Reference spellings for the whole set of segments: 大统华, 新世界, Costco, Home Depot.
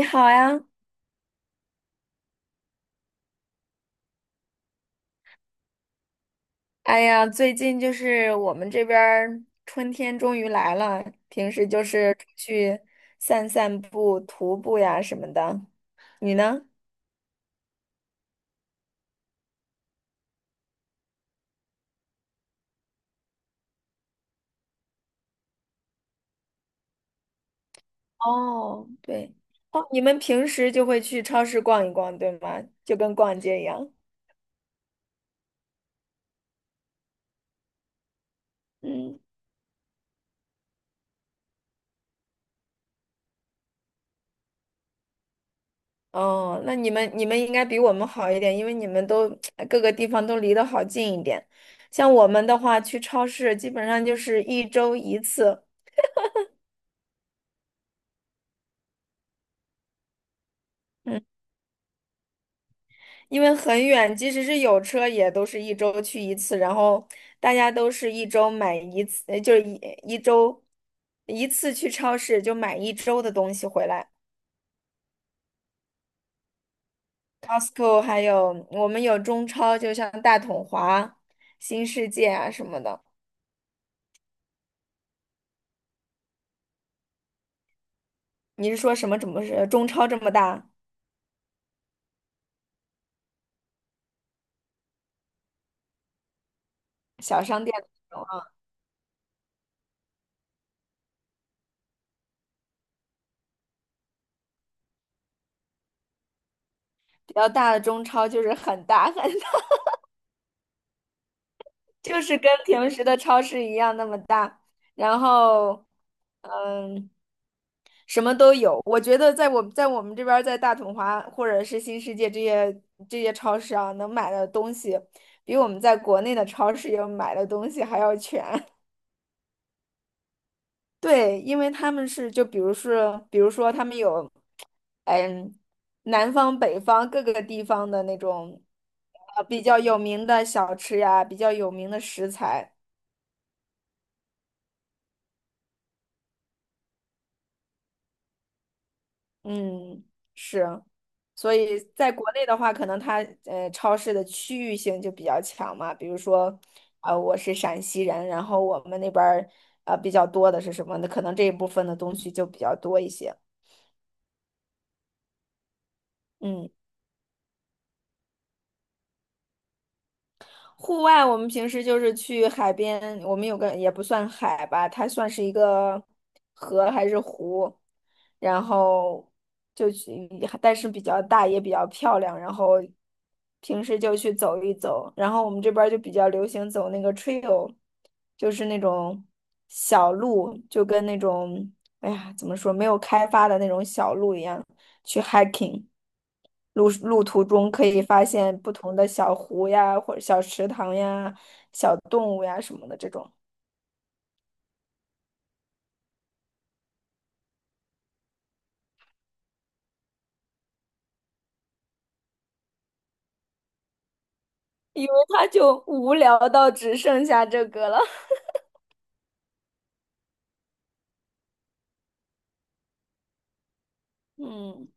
你好呀。最近就是我们这边儿春天终于来了，平时就是出去散散步、徒步呀什么的。你呢？哦，对。哦，你们平时就会去超市逛一逛，对吗？就跟逛街一样。嗯。哦，那你们应该比我们好一点，因为你们都 各个地方都离得好近一点。像我们的话，去超市基本上就是一周一次。嗯。因为很远，即使是有车，也都是一周去一次，然后大家都是一周买一次，就是一周一次去超市就买一周的东西回来。Costco 还有我们有中超，就像大统华、新世界啊什么的。你是说什么？怎么是中超这么大小商店那种啊？比较大的中超就是很大很大。就是跟平时的超市一样那么大，然后，嗯，什么都有。我觉得在我们这边儿，在大统华或者是新世界这些这些超市啊，能买的东西，比我们在国内的超市要买的东西还要全。对，因为他们是就比如是，比如说他们有，嗯，南方、北方各个地方的那种，比较有名的小吃呀，比较有名的食材。嗯，是。所以在国内的话，可能它超市的区域性就比较强嘛。比如说，我是陕西人，然后我们那边儿比较多的是什么的，可能这一部分的东西就比较多一些。嗯。户外我们平时就是去海边，我们有个也不算海吧，它算是一个河还是湖，然后就去，但是比较大也比较漂亮，然后平时就去走一走。然后我们这边儿就比较流行走那个 trail，就是那种小路，就跟那种哎呀怎么说没有开发的那种小路一样。去 hiking，路途中可以发现不同的小湖呀，或者小池塘呀、小动物呀什么的这种。因为他就无聊到只剩下这个了。嗯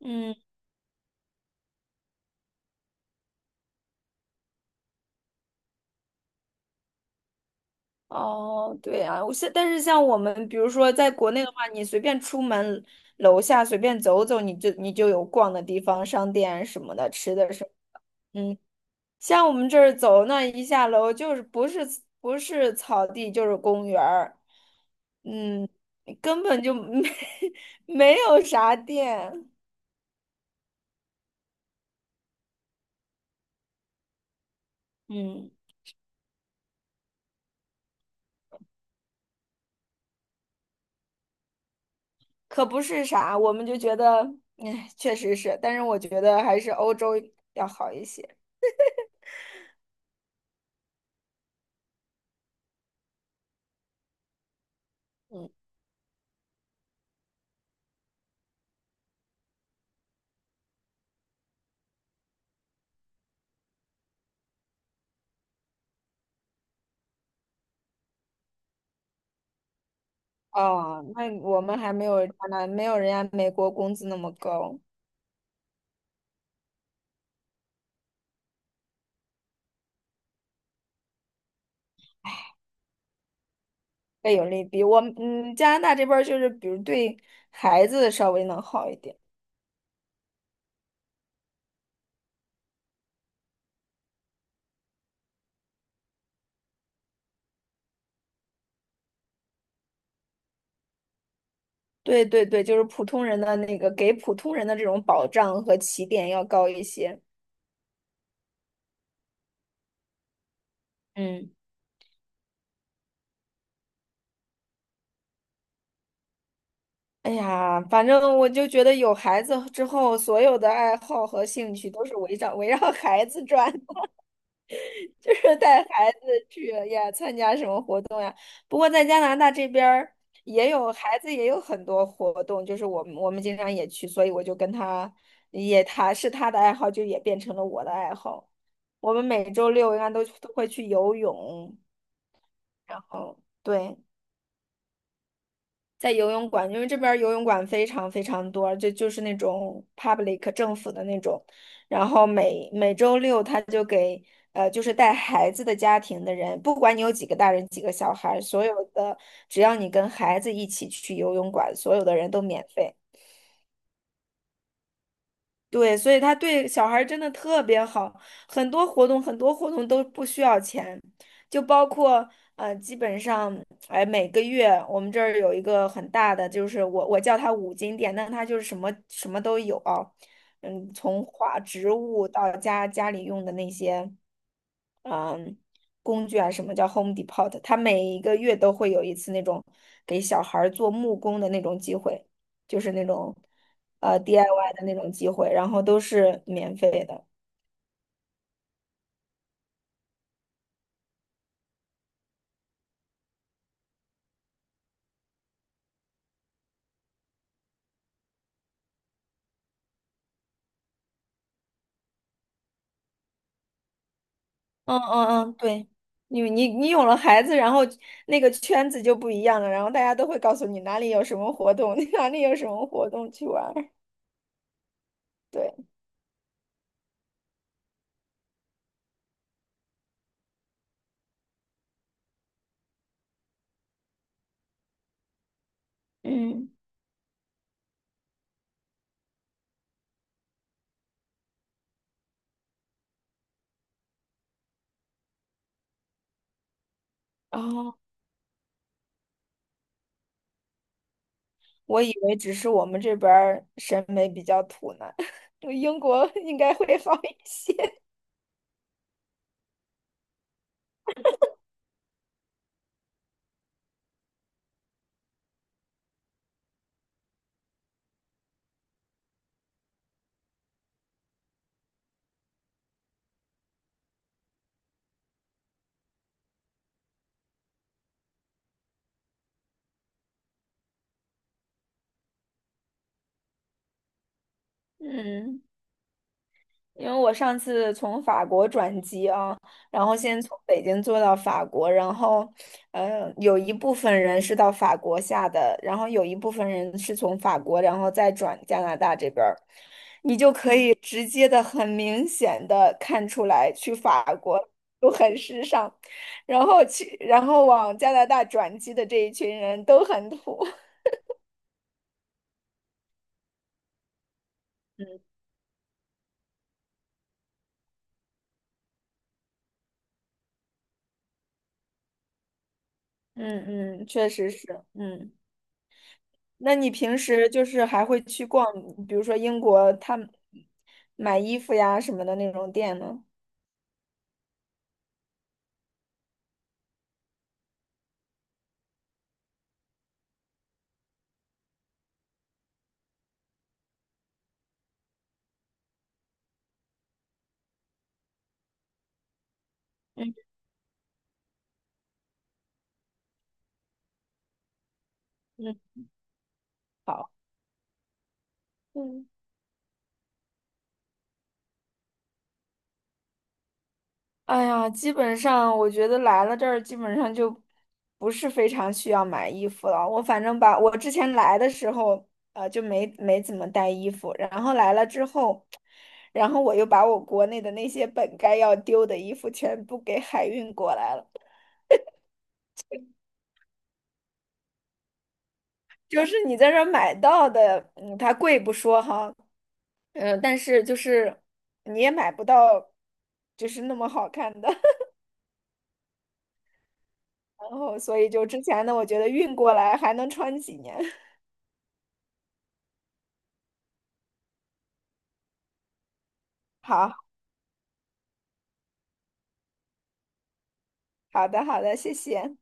嗯。哦，对啊。我现但是像我们，比如说在国内的话，你随便出门楼下随便走走，你就有逛的地方，商店什么的，吃的什么。嗯，像我们这儿走那一下楼，就是不是草地就是公园儿，嗯，根本就没 没有啥店。嗯，可不是啥，我们就觉得，哎，确实是。但是我觉得还是欧洲要好一些。嗯。哦，那我们还没有没有人家美国工资那么高。被有利比，我们加拿大这边儿就是，比如对孩子稍微能好一点。对对对，就是普通人的那个给普通人的这种保障和起点要高一些。嗯。哎呀，反正我就觉得有孩子之后，所有的爱好和兴趣都是围绕孩子转，就是带孩子去呀参加什么活动。不过在加拿大这边儿也有孩子也有很多活动，就是我们经常也去，所以我就跟他也他的爱好，就也变成了我的爱好。我们每周六应该都会去游泳，然后对。在游泳馆，因为这边儿游泳馆非常非常多，就是那种 public 政府的那种，然后每周六他就给就是带孩子的家庭的人，不管你有几个大人几个小孩儿，所有的只要你跟孩子一起去游泳馆，所有的人都免费。对，所以他对小孩儿真的特别好，很多活动都不需要钱，就包括基本上哎每个月我们这儿有一个很大的，就是我叫它五金店，但它就是什么什么都有啊，嗯，从花植物到家里用的那些工具啊，什么叫 Home Depot，它每一个月都会有一次那种给小孩儿做木工的那种机会，就是那种。DIY 的那种机会，然后都是免费的。嗯嗯嗯，对。你有了孩子，然后那个圈子就不一样了，然后大家都会告诉你哪里有什么活动，哪里有什么活动去玩儿。对。嗯。哦，我以为只是我们这边儿审美比较土呢，英国应该会好一些。嗯。因为我上次从法国转机啊，然后先从北京坐到法国，然后，有一部分人是到法国下的，然后有一部分人是从法国，然后再转加拿大这边儿。你就可以直接的、很明显的看出来，去法国都很时尚，然后去，然后往加拿大转机的这一群人都很土。嗯嗯，确实是。嗯。那你平时就是还会去逛，比如说英国，他们买衣服呀什么的那种店呢？嗯嗯。好。嗯。哎呀，基本上我觉得来了这儿，基本上就不是非常需要买衣服了。我反正把我之前来的时候，就没怎么带衣服，然后来了之后，然后我又把我国内的那些本该要丢的衣服全部给海运过来了。就是你在这儿买到的，嗯，它贵不说哈，嗯，但是就是你也买不到，就是那么好看的，然后所以就之前呢，我觉得运过来还能穿几年。好，好的，好的，谢谢。